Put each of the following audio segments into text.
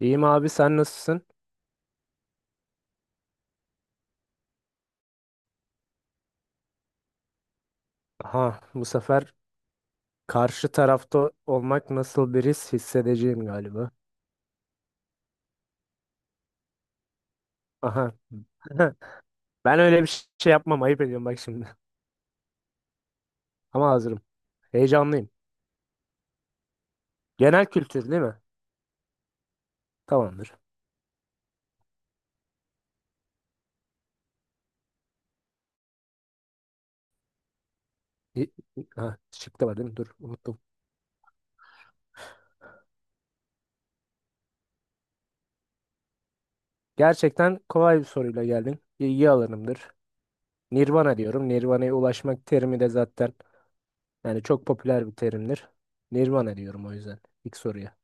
İyiyim abi sen nasılsın? Aha, bu sefer karşı tarafta olmak nasıl bir his hissedeceğim galiba. Aha. Ben öyle bir şey yapmam, ayıp ediyorum bak şimdi. Ama hazırım. Heyecanlıyım. Genel kültür değil mi? Tamamdır. İ- Ha, şık da var değil mi? Dur unuttum. Gerçekten kolay bir soruyla geldin. İlgi alanımdır. Nirvana diyorum. Nirvana'ya ulaşmak terimi de zaten çok popüler bir terimdir. Nirvana diyorum o yüzden. İlk soruya.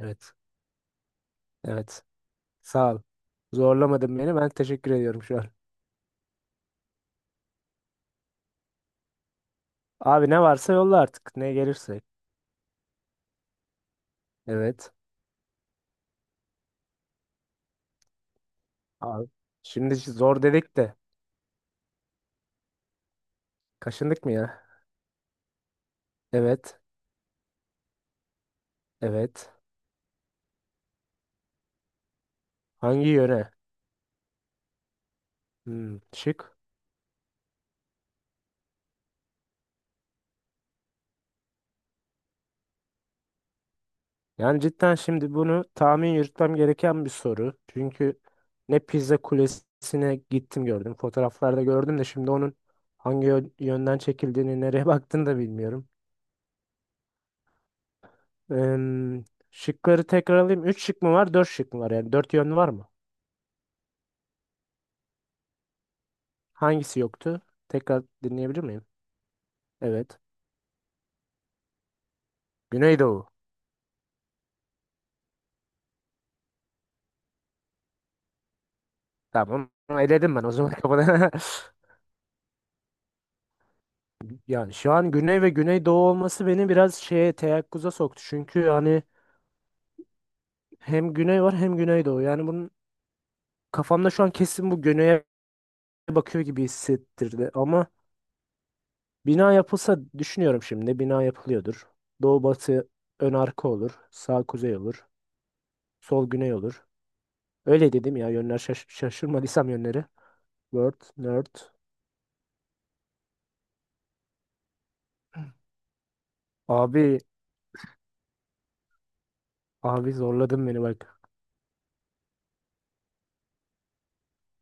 Evet. Evet. Sağ ol. Zorlamadın beni. Ben teşekkür ediyorum şu an. Abi ne varsa yolla artık. Ne gelirse. Evet. Abi. Şimdi zor dedik de. Kaşındık mı ya? Evet. Evet. Hangi yöne? Şık. Yani cidden şimdi bunu tahmin yürütmem gereken bir soru. Çünkü ne Pizza Kulesi'ne gittim gördüm. Fotoğraflarda gördüm de şimdi onun yönden çekildiğini, nereye baktığını da bilmiyorum. Em, şıkları tekrar alayım. 3 şık mı var, dört şık mı var? Yani 4 yön var mı? Hangisi yoktu? Tekrar dinleyebilir miyim? Evet. Güneydoğu. Tamam. Onu eledim ben o zaman kafadan. Yani şu an güney ve güneydoğu olması beni biraz şeye, teyakkuza soktu. Çünkü yani hem güney var hem güneydoğu. Yani bunun kafamda şu an kesin bu güneye bakıyor gibi hissettirdi. Ama bina yapılsa düşünüyorum şimdi. Bina yapılıyordur. Doğu batı ön arka olur. Sağ kuzey olur. Sol güney olur. Öyle dedim ya, yönler şaşırmadıysam yönleri. Word, nerd. Abi, abi zorladın beni bak.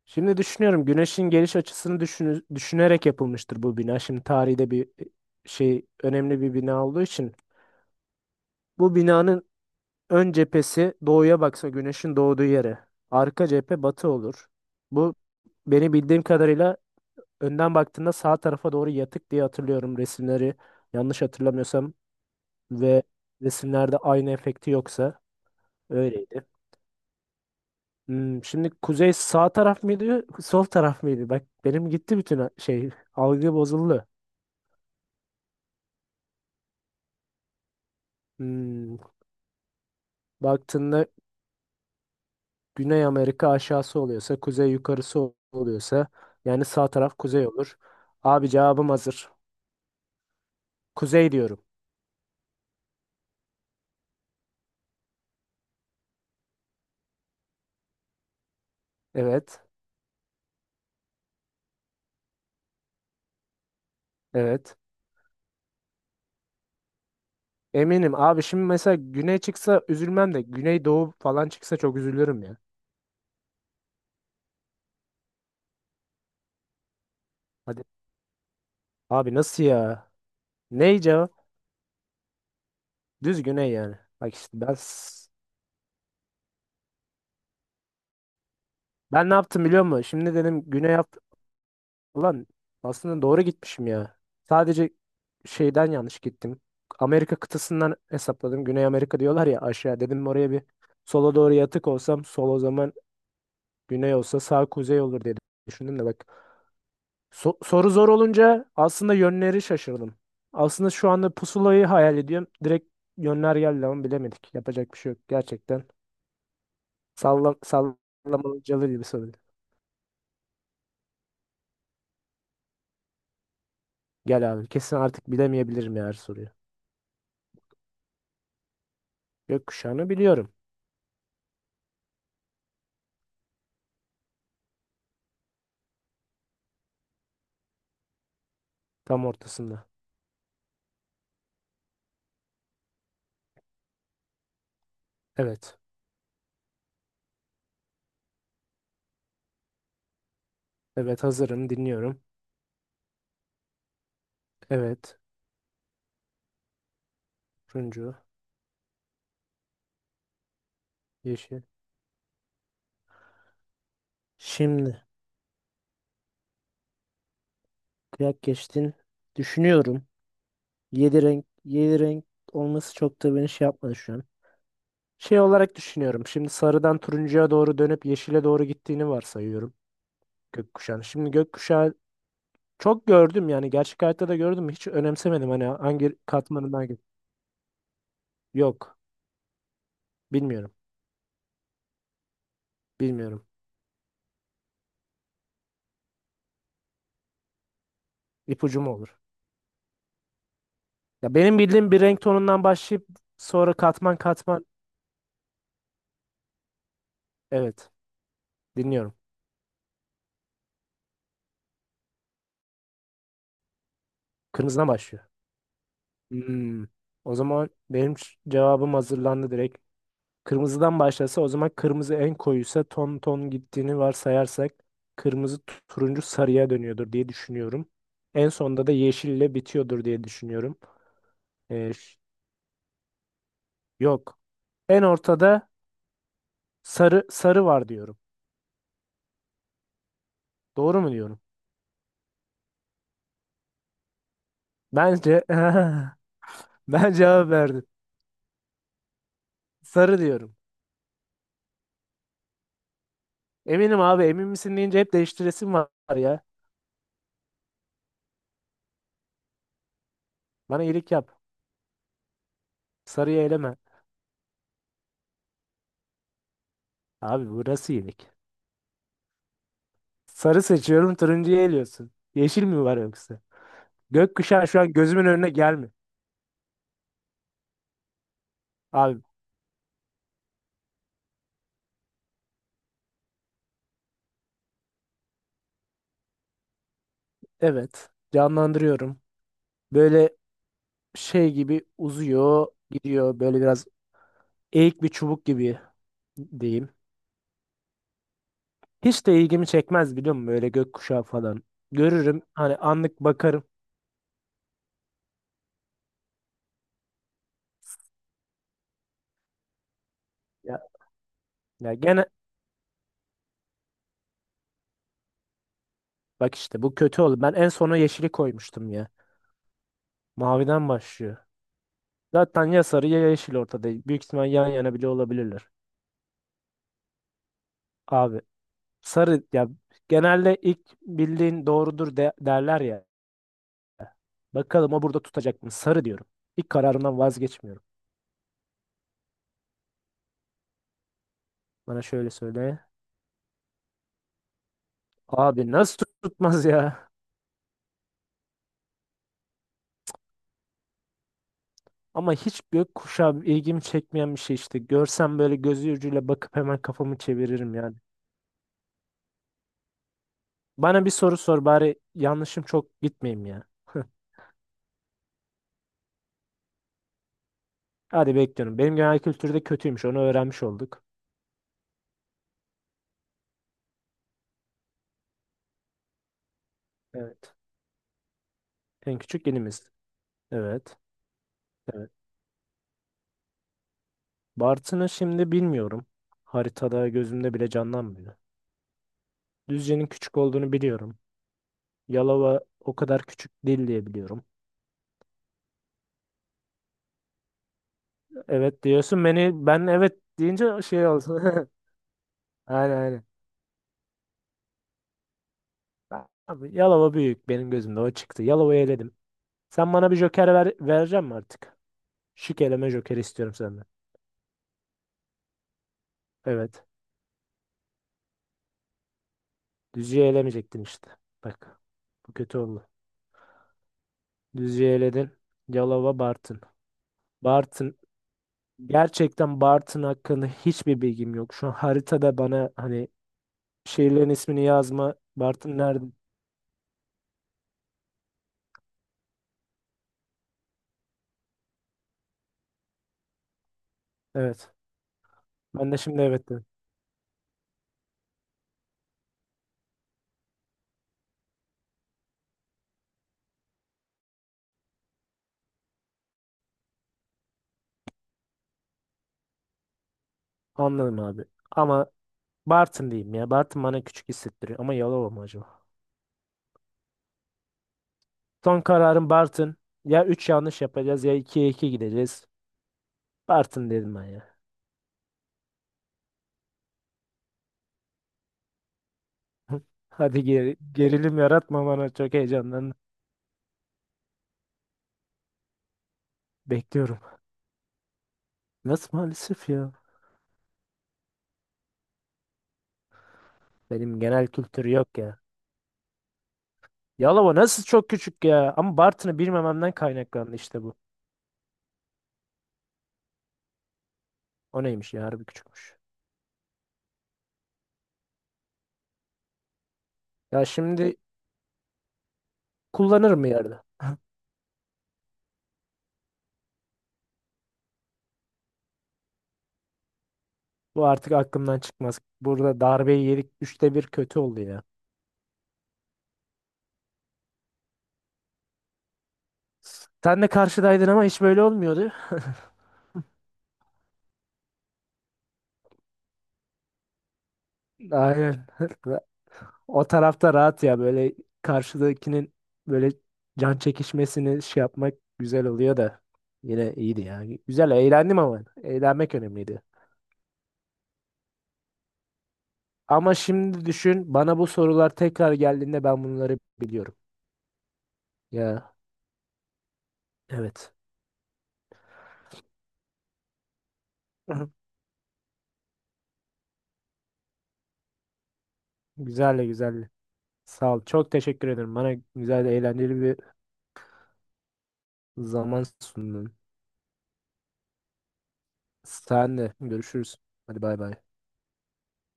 Şimdi düşünüyorum, güneşin geliş açısını düşünerek yapılmıştır bu bina. Şimdi tarihte bir şey önemli bir bina olduğu için bu binanın ön cephesi doğuya baksa, güneşin doğduğu yere. Arka cephe batı olur. Bu, beni bildiğim kadarıyla önden baktığında sağ tarafa doğru yatık diye hatırlıyorum resimleri. Yanlış hatırlamıyorsam ve resimlerde aynı efekti yoksa öyleydi. Şimdi kuzey sağ taraf mıydı, sol taraf mıydı? Bak benim gitti bütün algı bozuldu. Hmm, baktığında Güney Amerika aşağısı oluyorsa, kuzey yukarısı oluyorsa, yani sağ taraf kuzey olur. Abi cevabım hazır. Kuzey diyorum. Evet, evet. Eminim abi, şimdi mesela güney çıksa üzülmem de güney doğu falan çıksa çok üzülürüm ya. Hadi. Abi nasıl ya? Ney cevap? Düz güney yani. Bak işte ben s- ben ne yaptım biliyor musun? Şimdi dedim güney, ulan aslında doğru gitmişim ya. Sadece şeyden yanlış gittim. Amerika kıtasından hesapladım. Güney Amerika diyorlar ya aşağı. Dedim oraya bir sola doğru yatık olsam, sol o zaman güney olsa sağ kuzey olur diye düşündüm de bak. Soru zor olunca aslında yönleri şaşırdım. Aslında şu anda pusulayı hayal ediyorum. Direkt yönler geldi ama bilemedik. Yapacak bir şey yok gerçekten. Salla sallamacalı gibi soru. Gel abi, kesin artık bilemeyebilirim ya her soruyu. Gökkuşağını biliyorum, tam ortasında. Evet. Evet hazırım, dinliyorum. Evet. Turuncu, yeşil. Şimdi kıyak geçtin. Düşünüyorum. Yedi renk, yedi renk olması çok da beni şey yapmadı şu an. Şey olarak düşünüyorum. Şimdi sarıdan turuncuya doğru dönüp yeşile doğru gittiğini varsayıyorum gökkuşağını. Şimdi gökkuşağı çok gördüm, yani gerçek hayatta da gördüm. Hiç önemsemedim hani hangi katmanından hangi. Yok. Bilmiyorum. Bilmiyorum. İpucu mu olur? Ya benim bildiğim bir renk tonundan başlayıp sonra katman katman. Evet. Dinliyorum. Kırmızıdan başlıyor. Hmm. O zaman benim cevabım hazırlandı direkt. Kırmızıdan başlasa, o zaman kırmızı en koyuysa ton ton gittiğini varsayarsak kırmızı turuncu sarıya dönüyordur diye düşünüyorum. En sonda da yeşille bitiyordur diye düşünüyorum. Ee, ş- Yok. En ortada sarı var diyorum. Doğru mu diyorum? Bence ben cevap verdim. Sarı diyorum. Eminim abi, emin misin deyince hep değiştiresim var ya. Bana iyilik yap. Sarıyı eleme. Abi burası iyilik. Sarı seçiyorum, turuncuyu eliyorsun. Yeşil mi var yoksa? Gökkuşağı şu an gözümün önüne gelmiyor. Abi evet, canlandırıyorum. Böyle şey gibi uzuyor gidiyor, böyle biraz eğik bir çubuk gibi diyeyim. Hiç de ilgimi çekmez biliyor musun böyle gökkuşağı falan. Görürüm hani, anlık bakarım. Ya, ya gene bak işte bu kötü oldu. Ben en sona yeşili koymuştum ya. Maviden başlıyor. Zaten ya sarı ya yeşil ortada. Büyük ihtimal yan yana bile olabilirler. Abi, sarı ya, genelde ilk bildiğin doğrudur derler ya. Bakalım o burada tutacak mı? Sarı diyorum. İlk kararımdan vazgeçmiyorum. Bana şöyle söyle. Abi nasıl tutmaz ya? Ama hiç gökkuşağı ilgimi çekmeyen bir şey işte. Görsem böyle gözü ucuyla bakıp hemen kafamı çeviririm yani. Bana bir soru sor bari, yanlışım çok gitmeyeyim ya. Hadi bekliyorum. Benim genel kültürde kötüymüş, onu öğrenmiş olduk. Evet. En küçük ilimiz. Evet. Evet. Bartın'ı şimdi bilmiyorum. Haritada gözümde bile canlanmıyor. Düzce'nin küçük olduğunu biliyorum. Yalova o kadar küçük değil diye biliyorum. Evet diyorsun, beni ben evet deyince şey oldu. Aynen, aynen. Abi, Yalova büyük benim gözümde, o çıktı. Yalova'yı eledim. Sen bana bir joker ver, vereceğim mi artık? Şık eleme joker istiyorum senden. Evet. Düzce'yi elemeyecektin işte. Bak. Bu kötü oldu. Düzce'yi eledin. Yalova, Bartın. Bartın, gerçekten Bartın hakkında hiçbir bilgim yok. Şu an haritada bana hani şehirlerin ismini yazma. Bartın nerede? Evet. Ben de şimdi evet dedim. Anladım abi. Ama Bartın diyeyim ya. Bartın bana küçük hissettiriyor. Ama Yalova mı acaba? Son kararım Bartın. Ya 3 yanlış yapacağız ya 2'ye 2 gideceğiz. Bartın dedim ben ya. Hadi gerilim yaratma bana. Çok heyecanlandım. Bekliyorum. Nasıl maalesef ya? Benim genel kültür yok ya. Yalova nasıl çok küçük ya? Ama Bartın'ı bilmememden kaynaklandı işte bu. O neymiş ya, harbi küçükmüş. Ya şimdi kullanırım mı yerde. Bu artık aklımdan çıkmaz. Burada darbeyi yedik. Üçte bir kötü oldu ya. Sen de karşıdaydın ama hiç böyle olmuyordu. Aynen. O tarafta rahat ya, böyle karşıdakinin böyle can çekişmesini şey yapmak güzel oluyor da, yine iyiydi ya. Güzel eğlendim, ama eğlenmek önemliydi. Ama şimdi düşün, bana bu sorular tekrar geldiğinde ben bunları biliyorum. Ya evet. Güzel, güzel. Sağ ol. Çok teşekkür ederim. Bana güzel, eğlenceli bir zaman sundun. Sen de görüşürüz. Hadi bay bay.